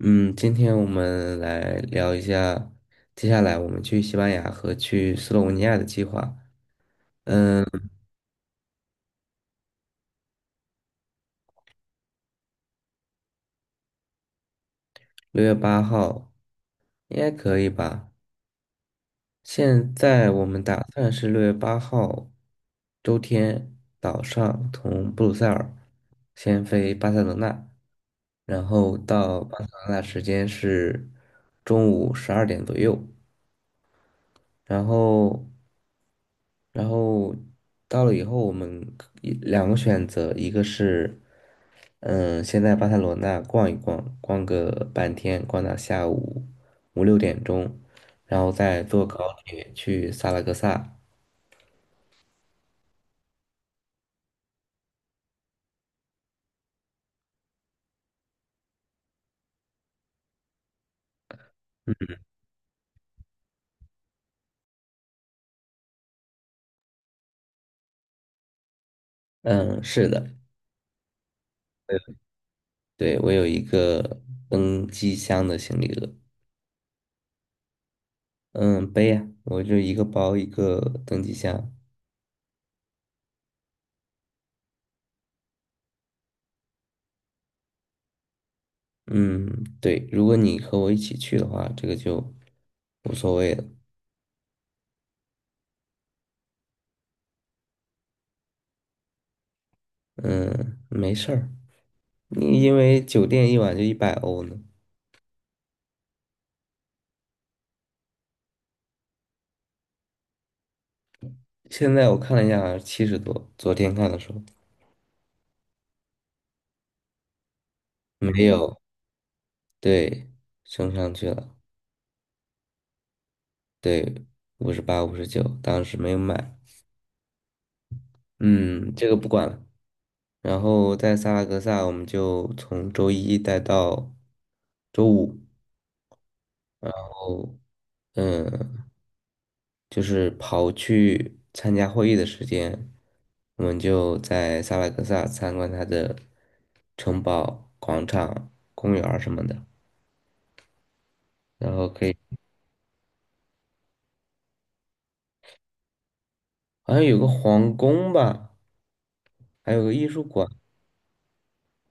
嗯，今天我们来聊一下，接下来我们去西班牙和去斯洛文尼亚的计划，六月八号应该可以吧？现在我们打算是六月八号周天早上从布鲁塞尔先飞巴塞罗那，然后到巴塞罗那时间是中午12点左右，然后然后到了以后，我们可以两个选择，一个是，先在巴塞罗那逛一逛，逛个半天，逛到下午五六点钟，然后再坐高铁去萨拉戈萨。嗯，是的，对，我有一个登机箱的行李额，嗯，背呀，我就一个包一个登机箱。嗯，对，如果你和我一起去的话，这个就无所谓了。嗯，没事儿。你因为酒店一晚就100欧呢。现在我看了一下，七十多。昨天看的时候没有，对，升上去了，对，58、59，当时没有买。嗯，这个不管了。然后在萨拉戈萨，我们就从周一待到周五。哦，嗯，就是刨去参加会议的时间，我们就在萨拉戈萨参观它的城堡、广场、公园儿什么的。然后可以，好像有个皇宫吧，还有个艺术馆，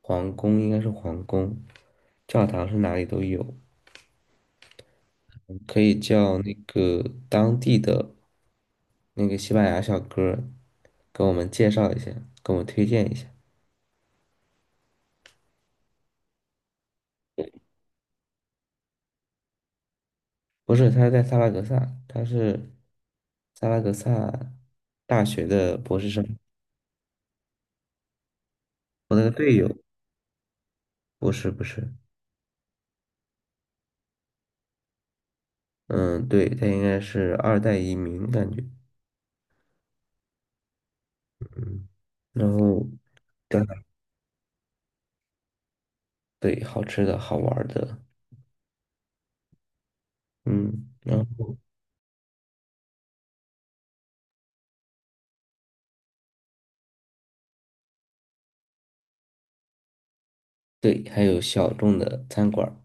皇宫应该是皇宫，教堂是哪里都有，可以叫那个当地的那个西班牙小哥儿给我们介绍一下，给我们推荐一下。不是，他是在萨拉格萨，他是萨拉格萨大学的博士生，我那个队友，不是不是，嗯，对，他应该是二代移民感觉，嗯，然后。对，好吃的好玩儿的，嗯，然后对，还有小众的餐馆儿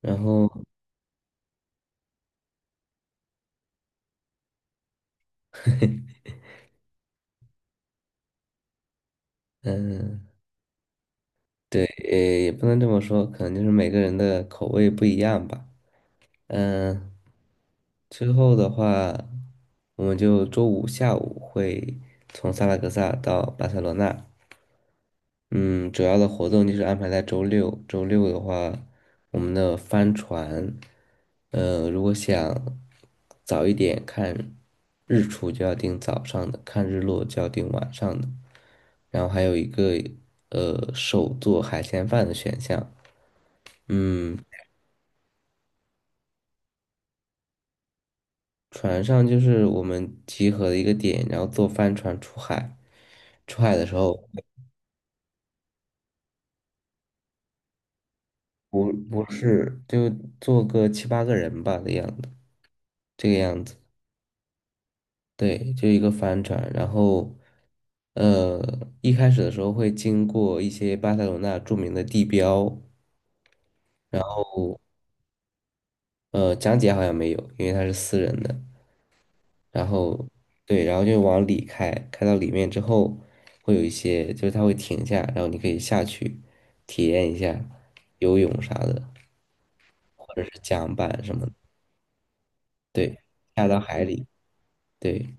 然后嗯，对，也不能这么说，可能就是每个人的口味不一样吧，嗯，之后的话，我们就周五下午会从萨拉戈萨到巴塞罗那，嗯，主要的活动就是安排在周六。周六的话，我们的帆船，如果想早一点看日出，就要订早上的；看日落就要订晚上的。然后还有一个手做海鲜饭的选项。嗯，船上就是我们集合的一个点，然后坐帆船出海。出海的时候不是就坐个七八个人吧的样子，这个样子。对，就一个帆船。然后，呃，一开始的时候会经过一些巴塞罗那著名的地标，然后讲解好像没有，因为它是私人的。然后对，然后就往里开，开到里面之后，会有一些就是它会停下，然后你可以下去体验一下游泳啥的，或者是桨板什么的。对，下到海里，对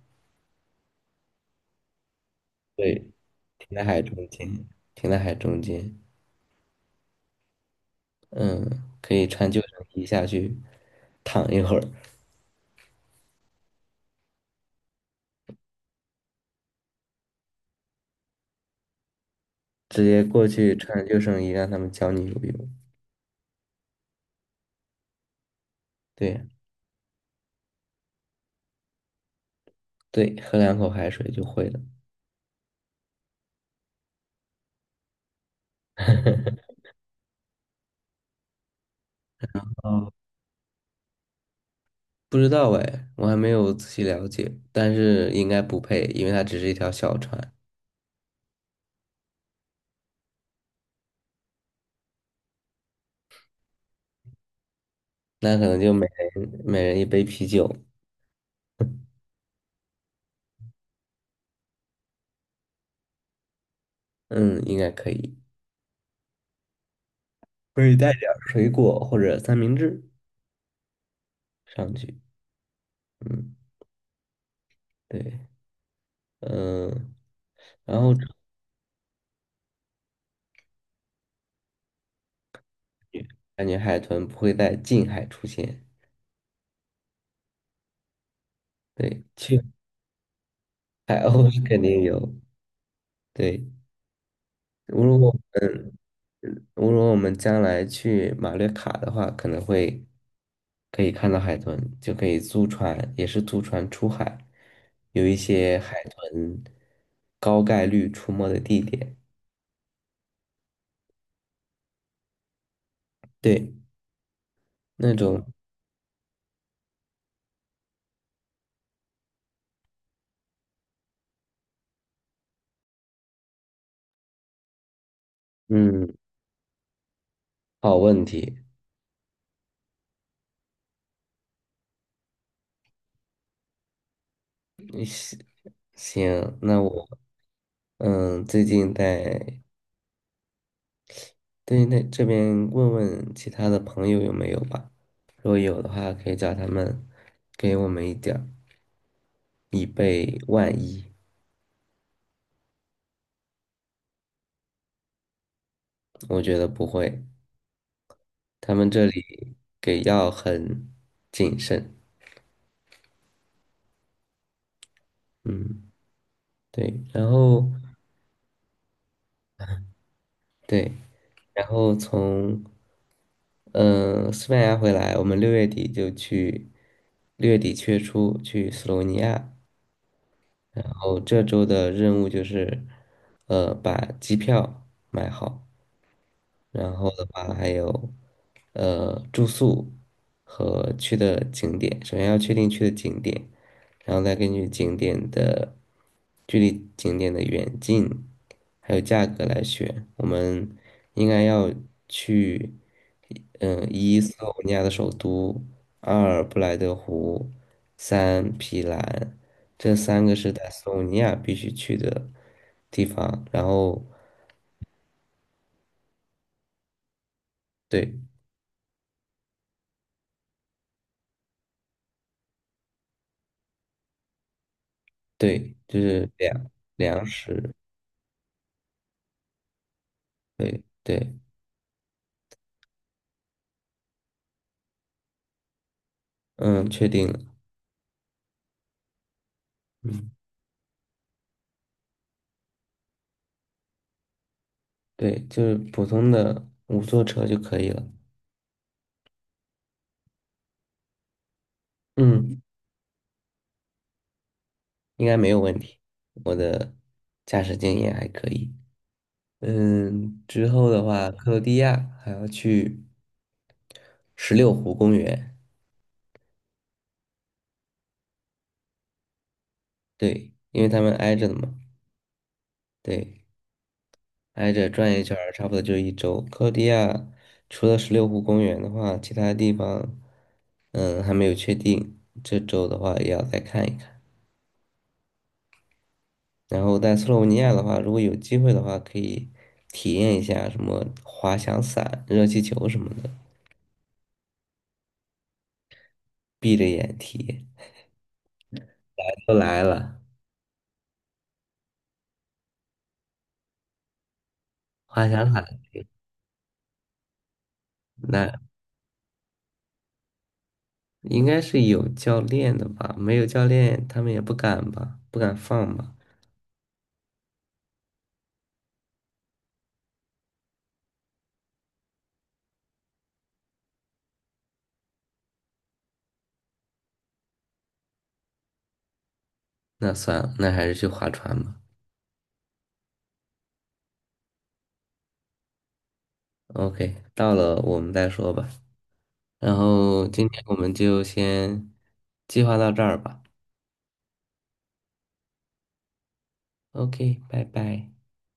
对，停在海中间，停在海中间。嗯，可以穿救生衣下去躺一会儿，直接过去穿救生衣让他们教你游泳。对对，喝两口海水就会了。哦，不知道哎，我还没有仔细了解，但是应该不配，因为它只是一条小船，那可能就每人每人一杯啤酒，嗯，应该可以，可以带点儿水果或者三明治上去，嗯，对，嗯，然后感觉海豚不会在近海出现，对，去海鸥是肯定有，对。如果我们如果我们将来去马略卡的话，可能会可以看到海豚，就可以租船，也是租船出海，有一些海豚高概率出没的地点。对，那种嗯，好问题。行，那我嗯最近在对，那这边问问其他的朋友有没有吧，如果有的话，可以叫他们给我们一点儿，以备万一。我觉得不会，他们这里给药很谨慎。嗯，对，然后对，然后从西班牙回来，我们六月底就去，六月底月初去斯洛文尼亚。然后这周的任务就是，把机票买好。然后的话还有住宿和去的景点，首先要确定去的景点，然后再根据景点的距离、景点的远近，还有价格来选。我们应该要去，嗯、一斯洛文尼亚的首都，二布莱德湖，三皮兰，这三个是在斯洛文尼亚必须去的地方。然后对，对，就是粮食，对对，嗯，确定了，嗯，对，就是普通的五座车就可以了，嗯，应该没有问题，我的驾驶经验还可以，嗯，之后的话，克罗地亚还要去十六湖公园，对，因为他们挨着的嘛，对，挨着转一圈儿差不多就一周。克罗地亚除了十六湖公园的话，其他地方，嗯，还没有确定。这周的话也要再看一看。然后在斯洛文尼亚的话，如果有机会的话，可以体验一下什么滑翔伞、热气球什么的，闭着眼体验。都来了，滑翔伞那应该是有教练的吧？没有教练，他们也不敢吧？不敢放吧？那算了，那还是去划船吧。OK，到了我们再说吧。然后今天我们就先计划到这儿吧。OK，拜拜。